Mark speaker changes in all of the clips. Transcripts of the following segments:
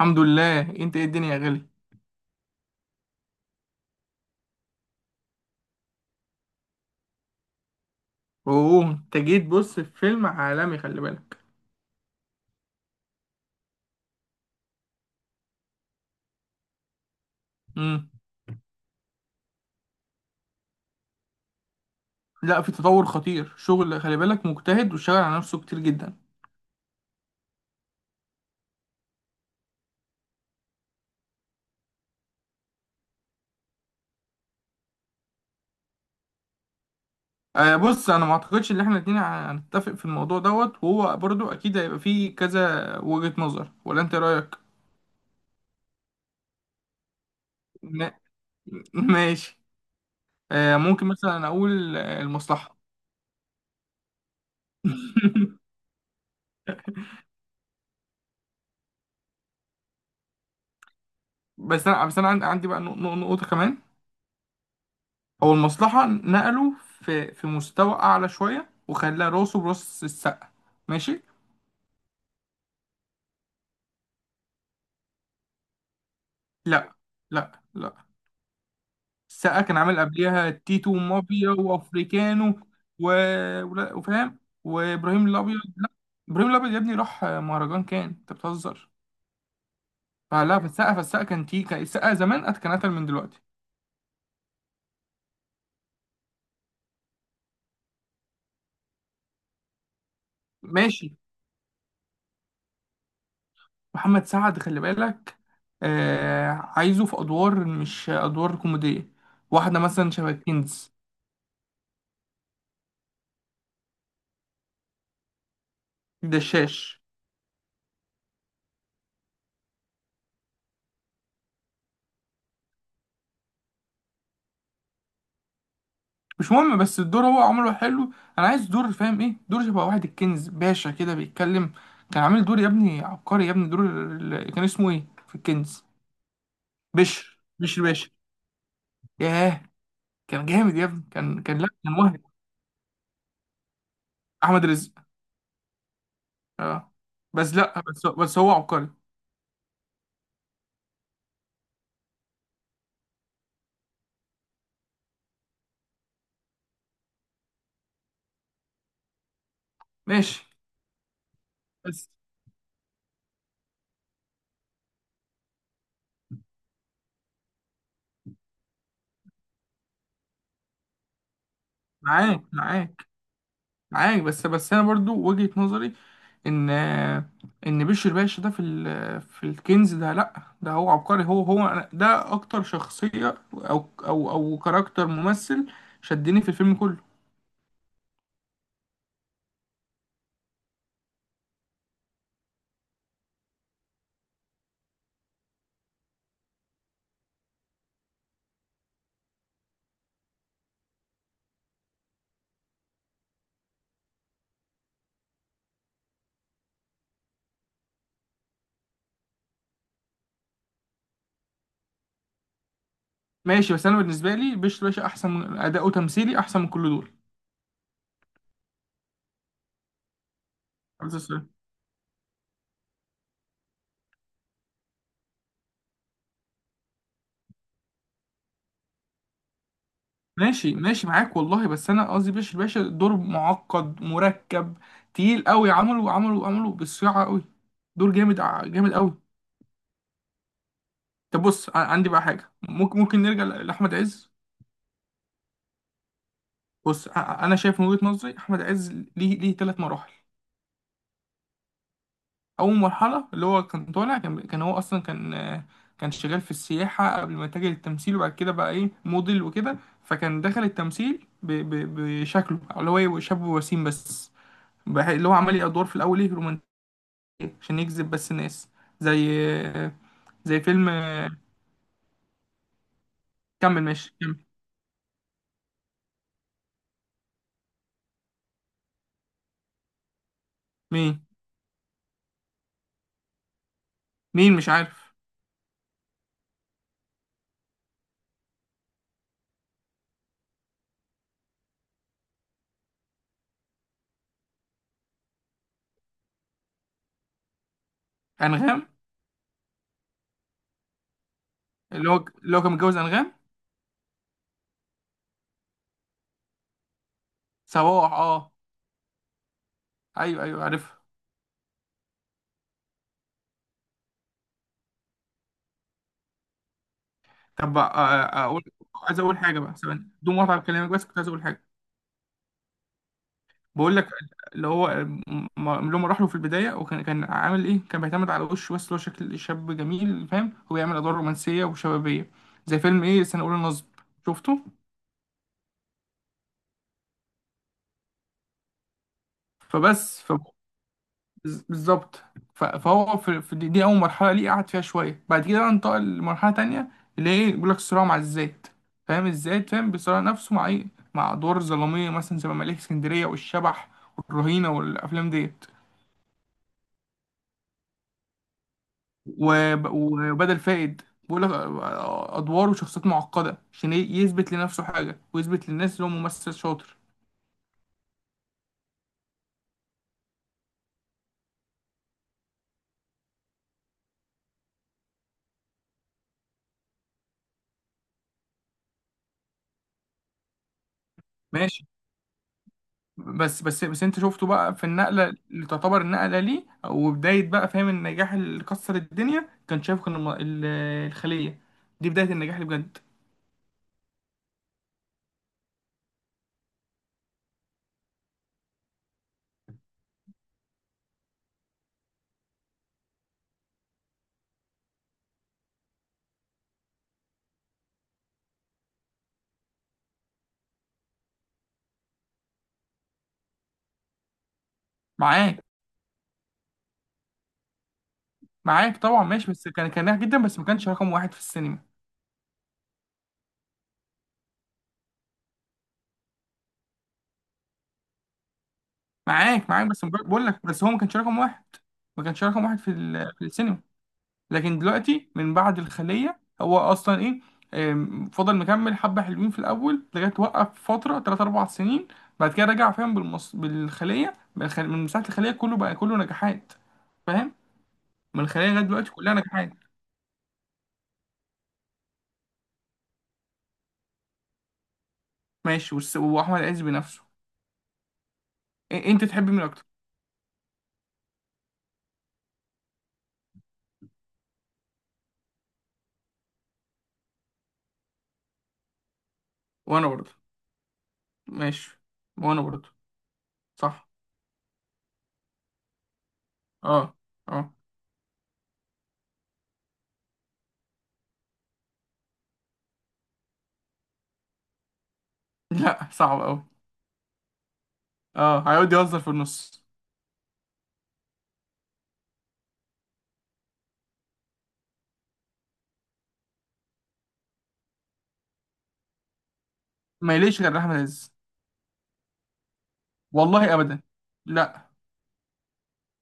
Speaker 1: الحمد لله، انت ايه الدنيا يا غالي؟ اوه، انت جيت، بص في فيلم عالمي خلي بالك. امم. لا، في تطور خطير، شغل خلي بالك مجتهد وشغال على نفسه كتير جدا. آه، بص، انا ما اعتقدش ان احنا الاتنين هنتفق في الموضوع دوت، وهو برضو اكيد هيبقى فيه كذا وجهة نظر. ولا انت إيه رايك؟ م- ماشي. آه، ممكن مثلا اقول المصلحة. بس انا عندي بقى نقطة كمان. هو المصلحة نقله في مستوى أعلى شوية وخلاه راسه براس السقا. ماشي؟ لأ، لأ، لأ. السقا كان عامل قبليها تيتو ومافيا وأفريكانو، و... وفاهم. وإبراهيم الأبيض؟ لأ. إبراهيم الأبيض يا ابني راح مهرجان، كان أنت بتهزر. فالسقا كان السقا زمان كان أتقل من دلوقتي. ماشي. محمد سعد خلي بالك. عايزه في أدوار، مش أدوار كوميدية. واحدة مثلا شبه كنز. دشاش. مش مهم، بس الدور هو عمله حلو. انا عايز دور، فاهم ايه؟ دور شبه واحد الكنز باشا كده بيتكلم. كان عامل دور يا ابني عبقري يا ابني. كان اسمه ايه في الكنز؟ بشر، بشر باشا. ياه. كان جامد يا ابني، كان لا، كان مهد. احمد رزق. اه. بس لا، بس هو عبقري. ماشي بس. معاك، معاك. معاك، بس انا برضو وجهة نظري. ان ان بشر باشا ده في الكنز ده، لا، ده هو عبقري. هو ده اكتر شخصية، او كاركتر ممثل شدني في الفيلم كله. ماشي، بس انا بالنسبة لي بشر باشا احسن، من اداؤه تمثيلي احسن من كل دول. عبد السلام. ماشي، ماشي، معاك والله، بس انا قصدي بشر باشا دور معقد مركب تقيل قوي، عمله بالصياعة قوي. دور جامد، جامد قوي. طب بص، عندي بقى حاجة، ممكن نرجع لأحمد عز. بص، انا شايف من وجهة نظري احمد عز ليه ثلاث مراحل. اول مرحله اللي هو كان طالع، كان هو اصلا كان، كان شغال في السياحه قبل ما يتجه للتمثيل، وبعد كده بقى ايه، موديل وكده. فكان دخل التمثيل بشكله اللي هو يبقى شاب وسيم بس، اللي هو عمل ادوار في الاول ايه، رومانسيه، عشان يجذب بس الناس. زي، آه، زي فيلم كمل ماشي، كمل. مين مين مش عارف. انغام. اللي هو اللي هو كان متجوز انغام. صباح، اه. ايوه، ايوه، عارف. طب، اقول، عايز اقول حاجه بقى ثواني بدون مقاطعه كلامك، بس كنت عايز اقول حاجه. بقول لك، اللي هو اللي هو راح له في البدايه، وكان كان عامل ايه، كان بيعتمد على وشه بس، اللي هو شكل شاب جميل فاهم، هو بيعمل ادوار رومانسيه وشبابيه زي فيلم ايه، سنه اولى النصب. شفته؟ فبس، بالظبط. فهو في دي اول مرحله ليه قعد فيها شويه. بعد كده بقى انتقل لمرحله تانية، اللي هي بيقول لك صراع مع الذات. فاهم الذات، فاهم بيصارع نفسه مع ايه، مع ادوار الظلاميه مثلا زي مماليك اسكندريه والشبح والرهينه والافلام ديت. وبدل فائد. بيقول لك ادوار وشخصيات معقده عشان يثبت لنفسه حاجه ويثبت للناس ان هو ممثل شاطر. ماشي، بس انت شفته بقى في النقله اللي تعتبر النقله ليه، وبدايه بقى فاهم النجاح اللي كسر الدنيا. كان شايف، كان الخليه دي بدايه النجاح اللي بجد. معاك، معاك طبعا. ماشي، بس كان ناجح جدا بس ما كانش رقم واحد في السينما. معاك، معاك، بس بقول لك بس هو ما كانش رقم واحد، ما كانش رقم واحد في السينما. لكن دلوقتي من بعد الخلية هو أصلا إيه، فضل مكمل حبة حلوين في الأول لغاية وقف فترة تلات أربع سنين. بعد كده رجع فاهم بالخلية، من مساحة الخلية كله بقى كله نجاحات، فاهم. من الخلية لغاية دلوقتي كلها نجاحات. ماشي، وأحمد عز بنفسه. أنت تحب مين أكتر؟ وأنا برضه. ماشي، وأنا برضه. صح. أه، أه. لا، صعب أوي. أه، هيقعد يهزر في النص. ما يليش غير أحمد عز. والله أبدا. لا.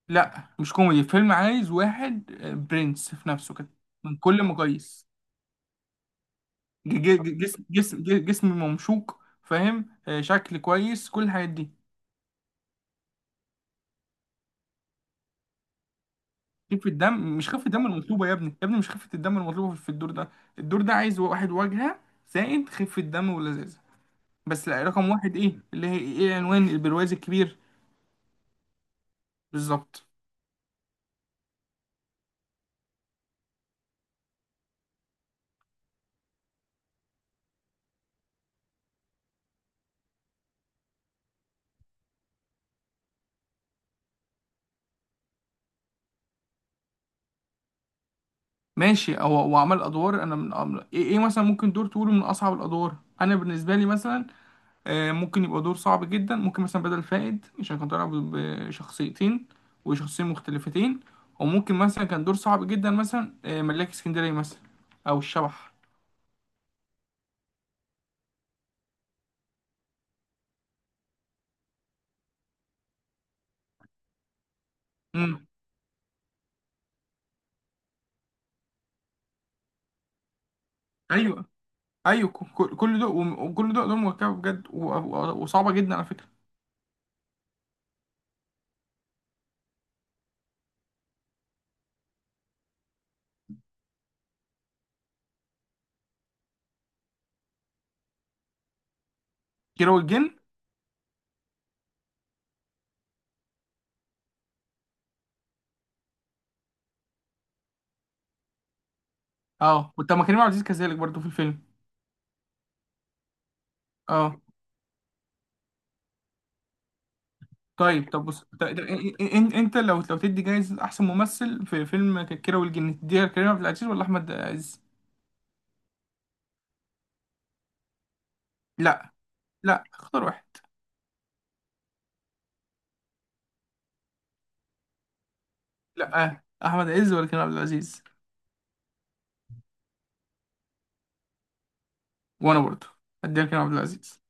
Speaker 1: لا، مش كوميدي، فيلم عايز واحد برنس في نفسه كده، من كل مقاييس. جسم جسم جسم ممشوق فاهم، شكل كويس كل الحاجات دي. خفة الدم مش خفة الدم المطلوبة يا ابني، يا ابني مش خفة الدم المطلوبة في الدور ده. الدور ده عايز واحد واجهة، زائد خفة دم ولذاذة، بس لا رقم واحد، ايه اللي هي، ايه عنوان البرواز الكبير. بالظبط. ماشي، هو عمل ادوار. انا من أمر، ايه؟ مثلا ممكن دور تقوله من اصعب الادوار انا بالنسبة لي مثلا، ممكن يبقى دور صعب جدا. ممكن مثلا بدل فائد عشان كان طالع بشخصيتين، وشخصيتين مختلفتين. وممكن مثلا كان دور صعب جدا مثلا ملاك اسكندرية مثلا، أو الشبح. امم. أيوه، أيوه، كل دول وكل دول أدوار مركبة بجد، وصعبة جدا على فكرة. كيرة والجن. أه، وطب ما كريم عبد العزيز كذلك برضه في الفيلم. أه. طيب، طب، بص، انت لو تدي جايزة احسن ممثل في فيلم كيرة والجن تديها لكريم عبد العزيز ولا احمد عز؟ لا، لا، اختار واحد. لا احمد عز ولا كريم عبد العزيز. وانا برضه هديها لكريم عبد العزيز.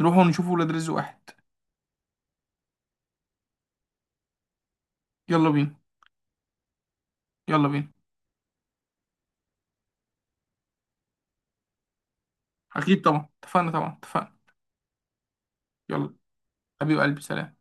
Speaker 1: نروح ونشوف ولاد رزق واحد. يلا بينا. يلا بينا. اكيد طبعا، اتفقنا طبعا، اتفقنا. يلا. حبيب قلبي، سلام.